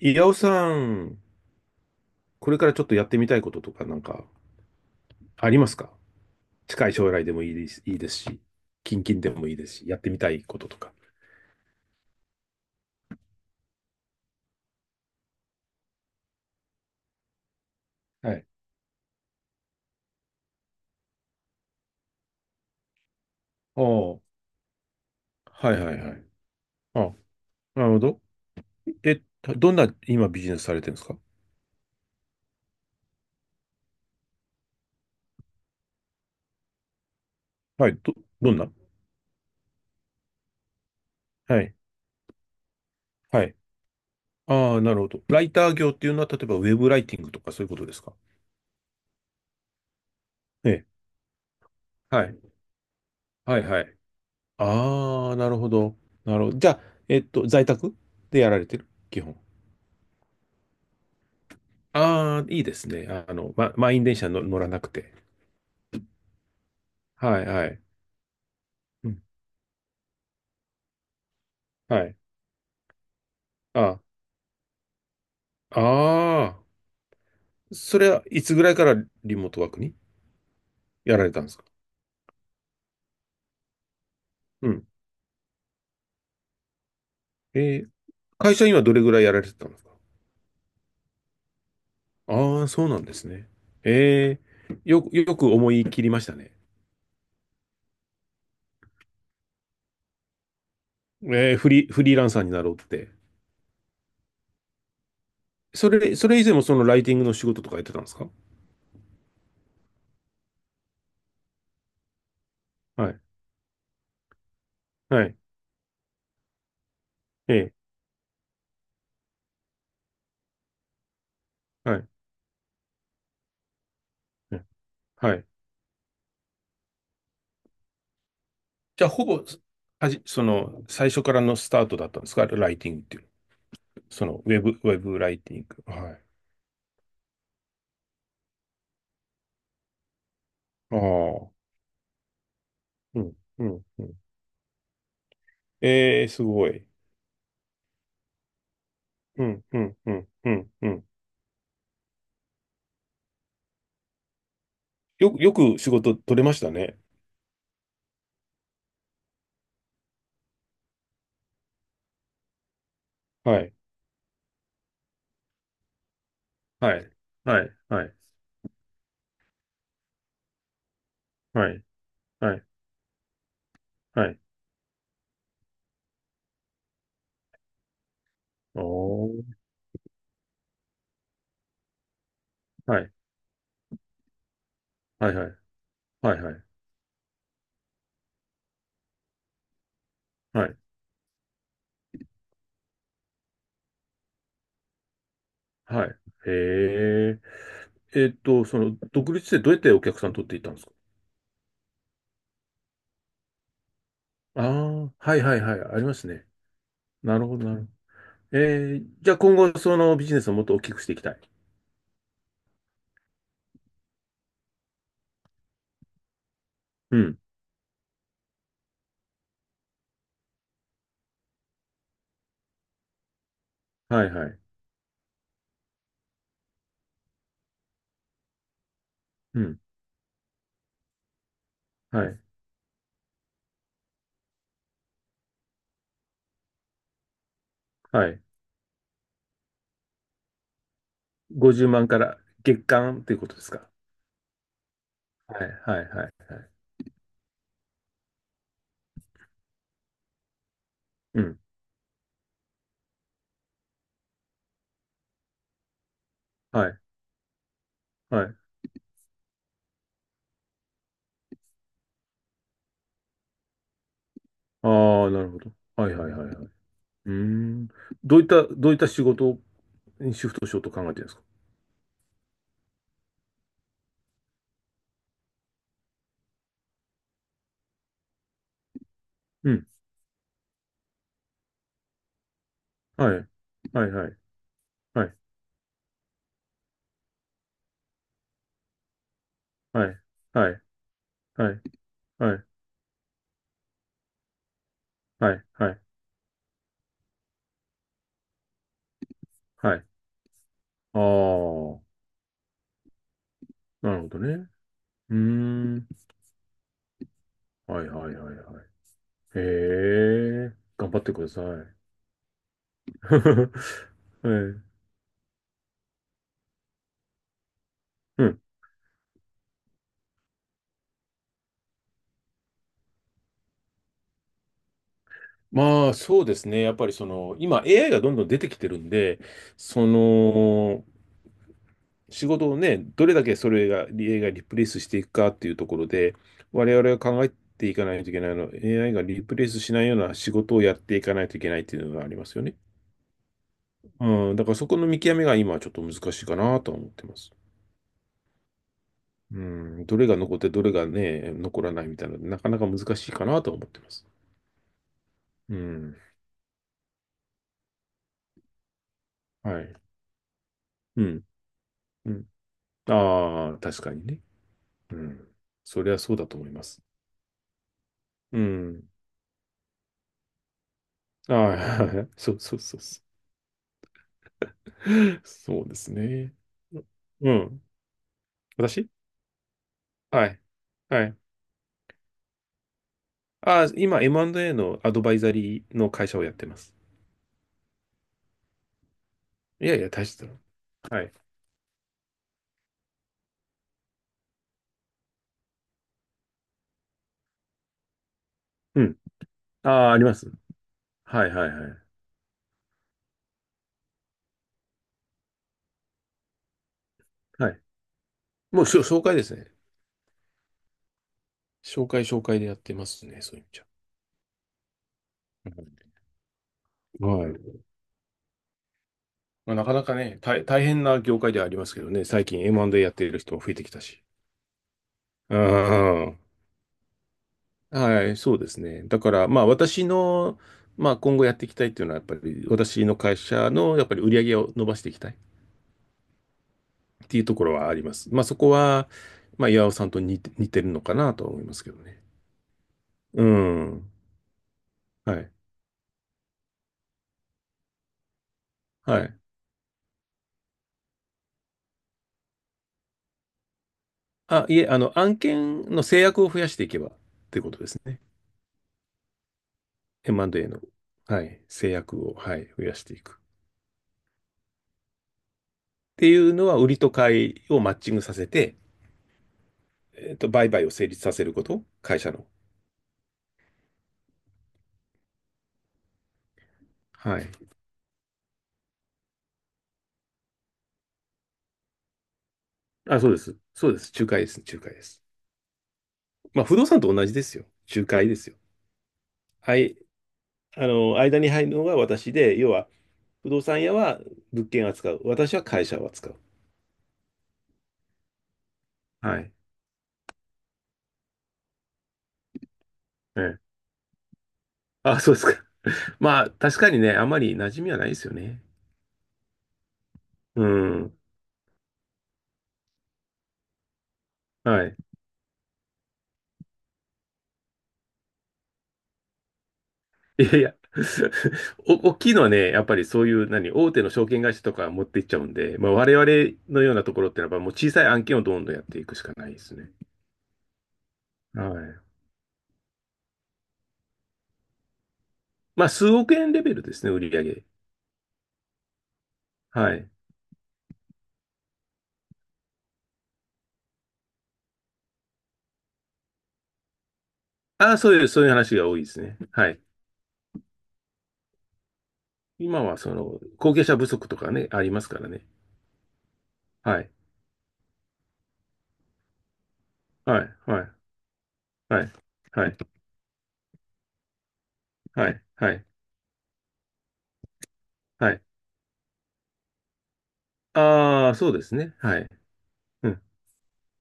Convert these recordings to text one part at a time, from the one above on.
岩尾さん、これからちょっとやってみたいこととかなんかありますか？近い将来でもいいですし、近々でもいいですし、やってみたいこととか。はい。ああ、はいはいはい。あ、なるほど。え、どんな今ビジネスされてるんですか？はい、ど、どんなはい、はい。ああ、なるほど。ライター業っていうのは、例えばウェブライティングとかそういうことですか？ええ、はい、はいはい。ああ、なるほど。なるほど。じゃあ、在宅でやられてる基本。ああ、いいですね。満員電車の乗らなくて。はい、はい。うん、はい。ああ、それはいつぐらいからリモートワークにやられたんですか？うん。えー会社にはどれぐらいやられてたんですか？ああそうなんですね。えよく思い切りましたね。フリーランサーになろうって。それ以前もそのライティングの仕事とかやってたんですか？はい、はい、ええ、はい、ええはい。じゃあ、ほぼ、はじ、その、最初からのスタートだったんですかライティングっていう？その、ウェブライティング。はい。ああ、うん、うん、うん。ええ、すごい。うん、うん、うん、うん、うん。よく仕事取れましたね。はい、はい、はい、はい、はい、はい、はい。おー、はい、はい、はい、はい、はい、はい、はい。へえ。その、独立でどうやってお客さん取っていったんですか？ああー、はいはいはい、ありますね。なるほど、なるほど。じゃあ今後、そのビジネスをもっと大きくしていきたい。うん。はいはい。うん。はい。はい。50万から月間ということですか？はい。はい。はい。はいうん。はい。はい。ああ、なるほど。はい。はい。はい。はい。うーん。どういった仕事にシフトしようと考えてるんですか？うん。はい。はい。はい。はい。はい。はい。はい。はい。はい。はい。はい。ああ、なるほどね。うーん。はい。はい。はい。はい。へえ。頑張ってください。はい。うん。まあ、そうですね。やっぱりその、今 AI がどんどん出てきてるんで、その、仕事をね、どれだけそれが、AI がリプレイスしていくかっていうところで、我々が考えていかないといけないの、AI がリプレイスしないような仕事をやっていかないといけないっていうのがありますよね。うん、だからそこの見極めが今はちょっと難しいかなとは思ってます。うん、どれが残ってどれがね、残らないみたいな、なかなか難しいかなとは思ってます。うん、はい。うん。うん。ああ、確かにね。うん。そりゃそうだと思います。うん。ああ、そうそうそうそう。そうですね。うん。私はい。はい。今 M&A のアドバイザリーの会社をやってます。いやいや、大したの。はい。うん。ああ、あります。はいはいはい。はい。もう紹介ですね。紹介紹介でやってますね、そういう意味じゃ。うんはい。まあ、なかなかね、大変な業界ではありますけどね、最近 M&A やっている人も増えてきたし。うん。はい、そうですね。だから、まあ、私の、まあ、今後やっていきたいっていうのは、やっぱり、私の会社の、やっぱり売り上げを伸ばしていきたいっていうところはあります。まあ、そこは、まあ、岩尾さんと似てるのかなとは思いますけどね。うん。はい。はい。あ、いえ、あの、案件の制約を増やしていけばってことですね。M&A の、はい、制約を、はい、増やしていく。っていうのは、売りと買いをマッチングさせて、売買を成立させること、会社の。はい。あ、そうです。そうです。仲介です。仲介です。まあ、不動産と同じですよ。仲介ですよ。はい。間に入るのが私で、要は、不動産屋は物件を扱う。私は会社を扱う。はい。ええ。あ、そうですか。まあ、確かにね、あんまり馴染みはないですよね。うん。はい。いやいや。大きいのはね、やっぱりそういう、何、大手の証券会社とか持っていっちゃうんで、まあ、我々のようなところってのは、もう小さい案件をどんどんやっていくしかないですね。はい。まあ、数億円レベルですね、売り上げ。はい。ああ、そういう話が多いですね。はい。今は、その、後継者不足とかね、ありますからね。はい。はい。はい。はい。はい。はい。はい。はい。ああ、そうですね。はい。うん。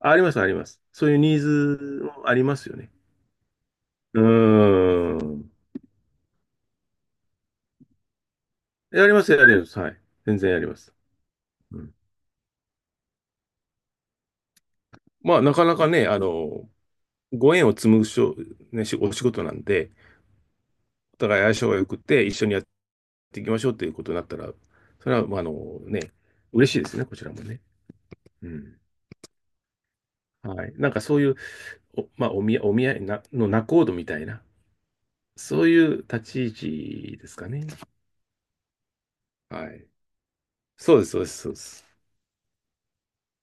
あります、あります。そういうニーズもありますよね。うーん。やります、やります。はい。全然やります。うん。まあ、なかなかね、あの、ご縁を紡ぐね、お仕事なんで、お互い相性が良くて、一緒にやっていきましょうということになったら、それは、まあ、あのね、嬉しいですね、こちらもね。うん。はい。なんかそういう、まあ、お見合いな、の仲人みたいな、そういう立ち位置ですかね？はい。そうです、そうです、そうです。